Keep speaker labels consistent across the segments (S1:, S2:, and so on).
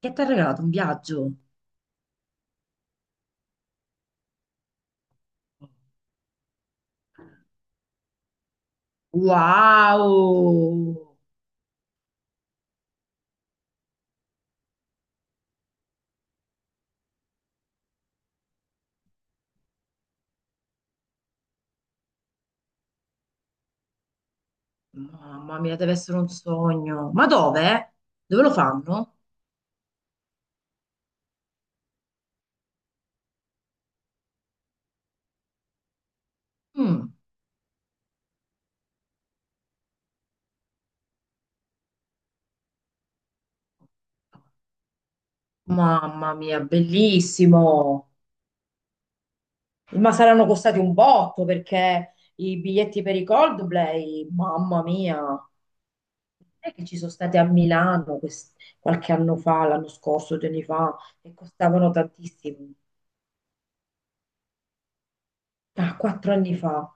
S1: Che ti ha regalato un viaggio? Wow! Mamma mia, deve essere un sogno. Ma dove? Dove lo fanno? Mm. Mamma mia, bellissimo! Ma saranno costati un botto perché i biglietti per i Coldplay, mamma mia, non è che ci sono stati a Milano qualche anno fa, l'anno scorso, due anni fa, e costavano tantissimo. Ah, quattro anni fa.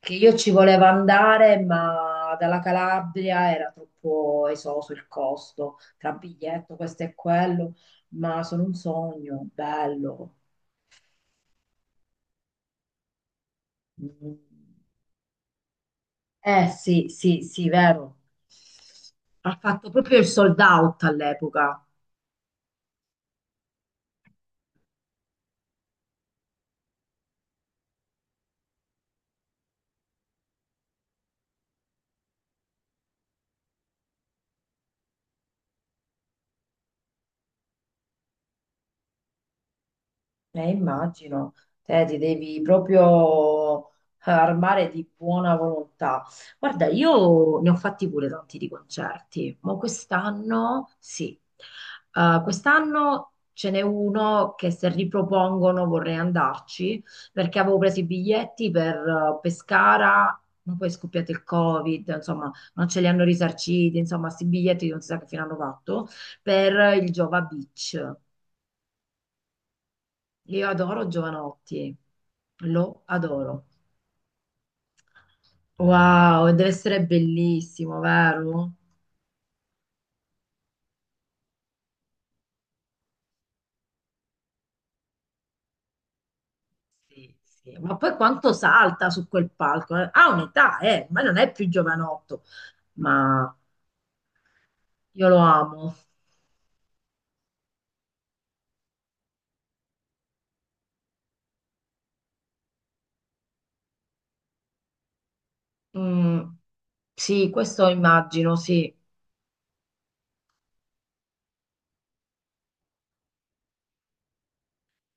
S1: Che io ci volevo andare, ma dalla Calabria era troppo esoso il costo, tra biglietto, questo e quello, ma sono un sogno, bello. Mm. Eh sì, sì, sì, vero. Ha fatto proprio il sold out all'epoca. Immagino, te ti devi proprio armare di buona volontà. Guarda, io ne ho fatti pure tanti di concerti, ma quest'anno sì. Quest'anno ce n'è uno che se ripropongono vorrei andarci perché avevo preso i biglietti per Pescara, ma poi è scoppiato il Covid, insomma, non ce li hanno risarciti, insomma, questi biglietti non si sa che fine hanno fatto, per il Giova Beach. Io adoro Giovanotti, lo adoro. Wow, deve essere bellissimo, vero? Sì, sì. Ma poi quanto salta su quel palco? Eh. Ha un'età, ma non è più giovanotto, ma io lo amo. Mm, sì, questo immagino, sì.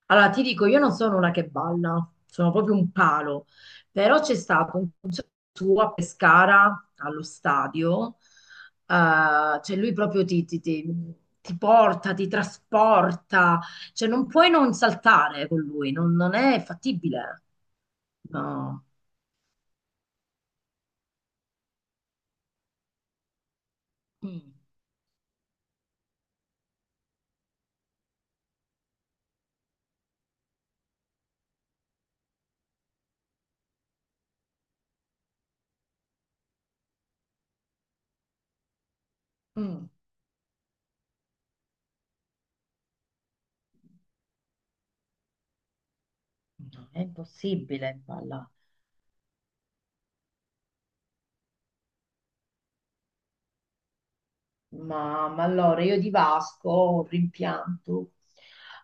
S1: Allora, ti dico, io non sono una che balla, sono proprio un palo, però c'è stato un concerto suo a Pescara, allo stadio, cioè lui proprio ti porta, ti trasporta, cioè non puoi non saltare con lui, non, non è fattibile, no. Mm, mm, no, è impossibile balla. Ma allora io di Vasco ho un rimpianto.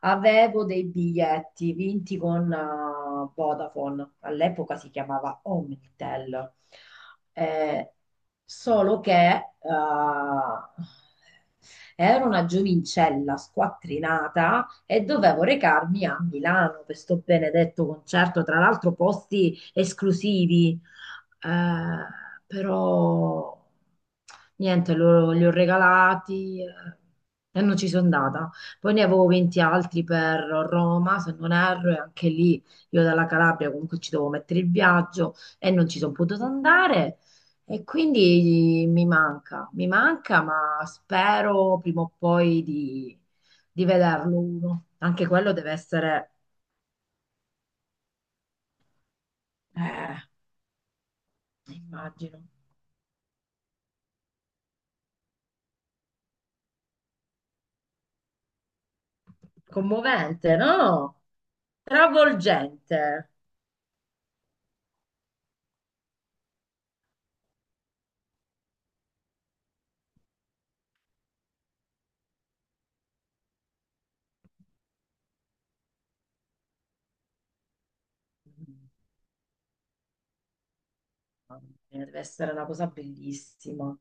S1: Avevo dei biglietti vinti con Vodafone, all'epoca si chiamava Omnitel. Eh, Solo che ero una giovincella squattrinata e dovevo recarmi a Milano per sto benedetto concerto, tra l'altro posti esclusivi. Eh, però niente, li ho regalati e non ci sono andata. Poi ne avevo 20 altri per Roma, se non erro, e anche lì io dalla Calabria comunque ci devo mettere il viaggio e non ci sono potuta andare. E quindi mi manca, ma spero prima o poi di vederlo uno. Anche quello deve essere, eh, immagino. Commovente, no? Travolgente. Mm, mamma mia, deve essere una cosa bellissima.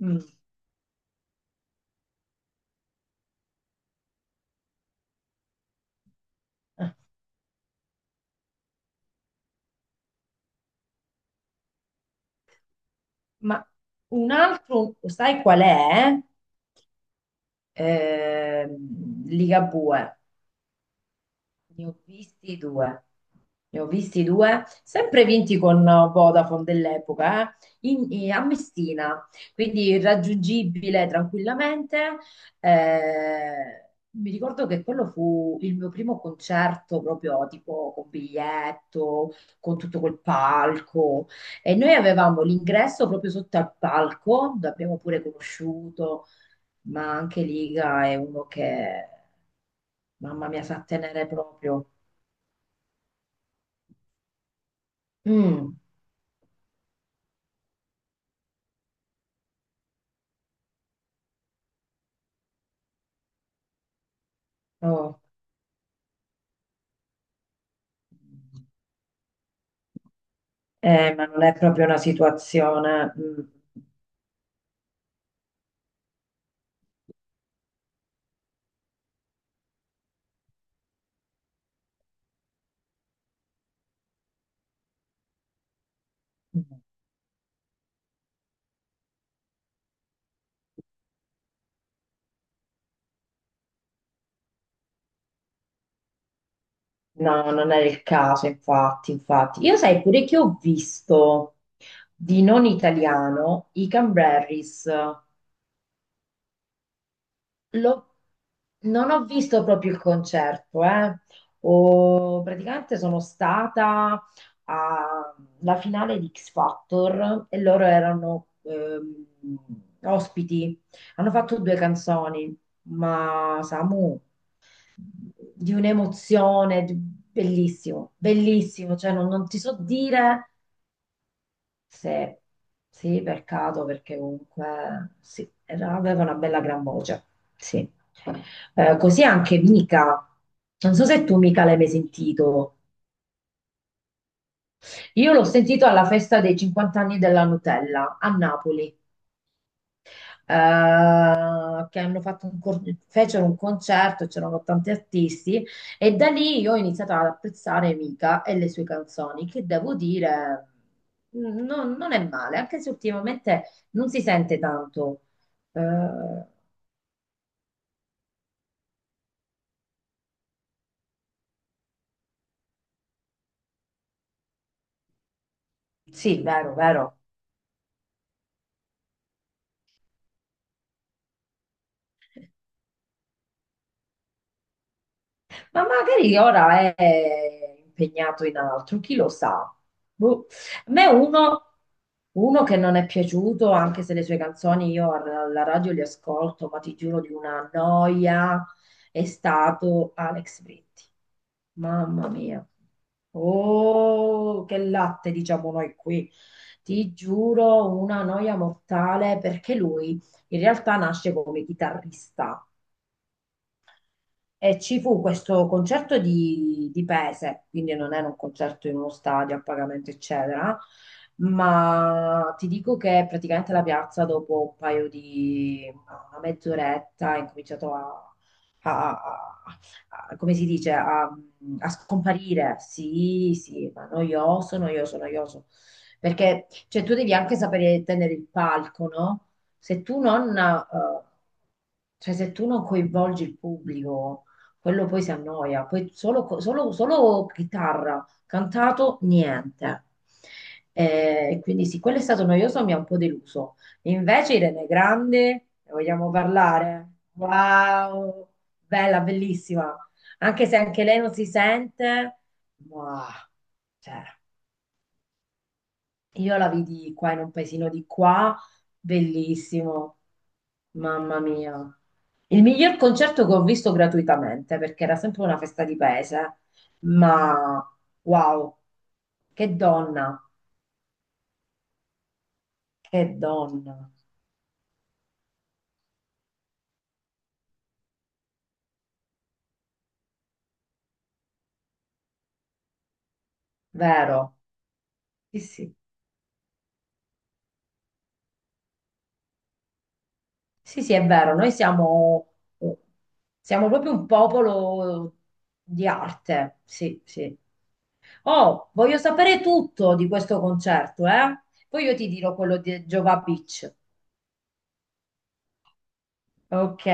S1: Mm. Ma un altro, sai qual è? Ligabue. Ne ho visti due, ne ho visti due, sempre vinti con Vodafone dell'epoca, a Messina, quindi raggiungibile tranquillamente. Eh, mi ricordo che quello fu il mio primo concerto proprio tipo con biglietto, con tutto quel palco e noi avevamo l'ingresso proprio sotto al palco, l'abbiamo pure conosciuto, ma anche Liga è uno che... Mamma mia, sa tenere proprio. Mm, oh. Ma non è proprio una situazione. No, non è il caso, infatti, infatti. Io sai pure che ho visto di non italiano i Cranberries. L'ho- non ho visto proprio il concerto, eh. Praticamente sono stata alla finale di X Factor e loro erano ospiti. Hanno fatto due canzoni, ma Samu, di un'emozione, bellissimo, bellissimo, cioè non, non ti so dire se, sì, peccato perché comunque sì, aveva una bella gran voce. Sì. Così anche Mika. Non so se tu Mika l'hai mai sentito. Io l'ho sentito alla festa dei 50 anni della Nutella a Napoli. Che hanno fatto un fecero un concerto, c'erano tanti artisti e da lì io ho iniziato ad apprezzare Mika e le sue canzoni, che devo dire non, non è male, anche se ultimamente non si sente tanto. Eh, sì, vero, vero. Ma magari ora è impegnato in altro, chi lo sa. Boh. A me uno, uno che non è piaciuto, anche se le sue canzoni io alla radio le ascolto, ma ti giuro di una noia, è stato Alex Britti. Mamma mia. Oh, che latte, diciamo noi qui. Ti giuro, una noia mortale perché lui in realtà nasce come chitarrista. E ci fu questo concerto di Pese, quindi non era un concerto in uno stadio a pagamento, eccetera, ma ti dico che praticamente la piazza dopo un paio di una mezz'oretta ha incominciato a, a- a- come si dice, a, a scomparire. Sì, sì, ma noioso, noioso, noioso. Perché cioè, tu devi anche sapere tenere il palco, no? Se tu non, cioè se tu non coinvolgi il pubblico, quello poi si annoia, poi solo, solo chitarra, cantato, niente. E quindi sì, quello è stato noioso, mi ha un po' deluso. Invece Irene Grande, ne vogliamo parlare? Wow, bella, bellissima. Anche se anche lei non si sente, ma c'era. Io la vidi qua in un paesino di qua, bellissimo, mamma mia. Il miglior concerto che ho visto gratuitamente, perché era sempre una festa di paese, ma wow, che donna, che donna, vero? Sì, sì, sì, sì, è vero, siamo proprio un popolo di arte, sì, sì. Oh, voglio sapere tutto di questo concerto, eh? Poi io ti dirò quello di Giova Beach. Ok.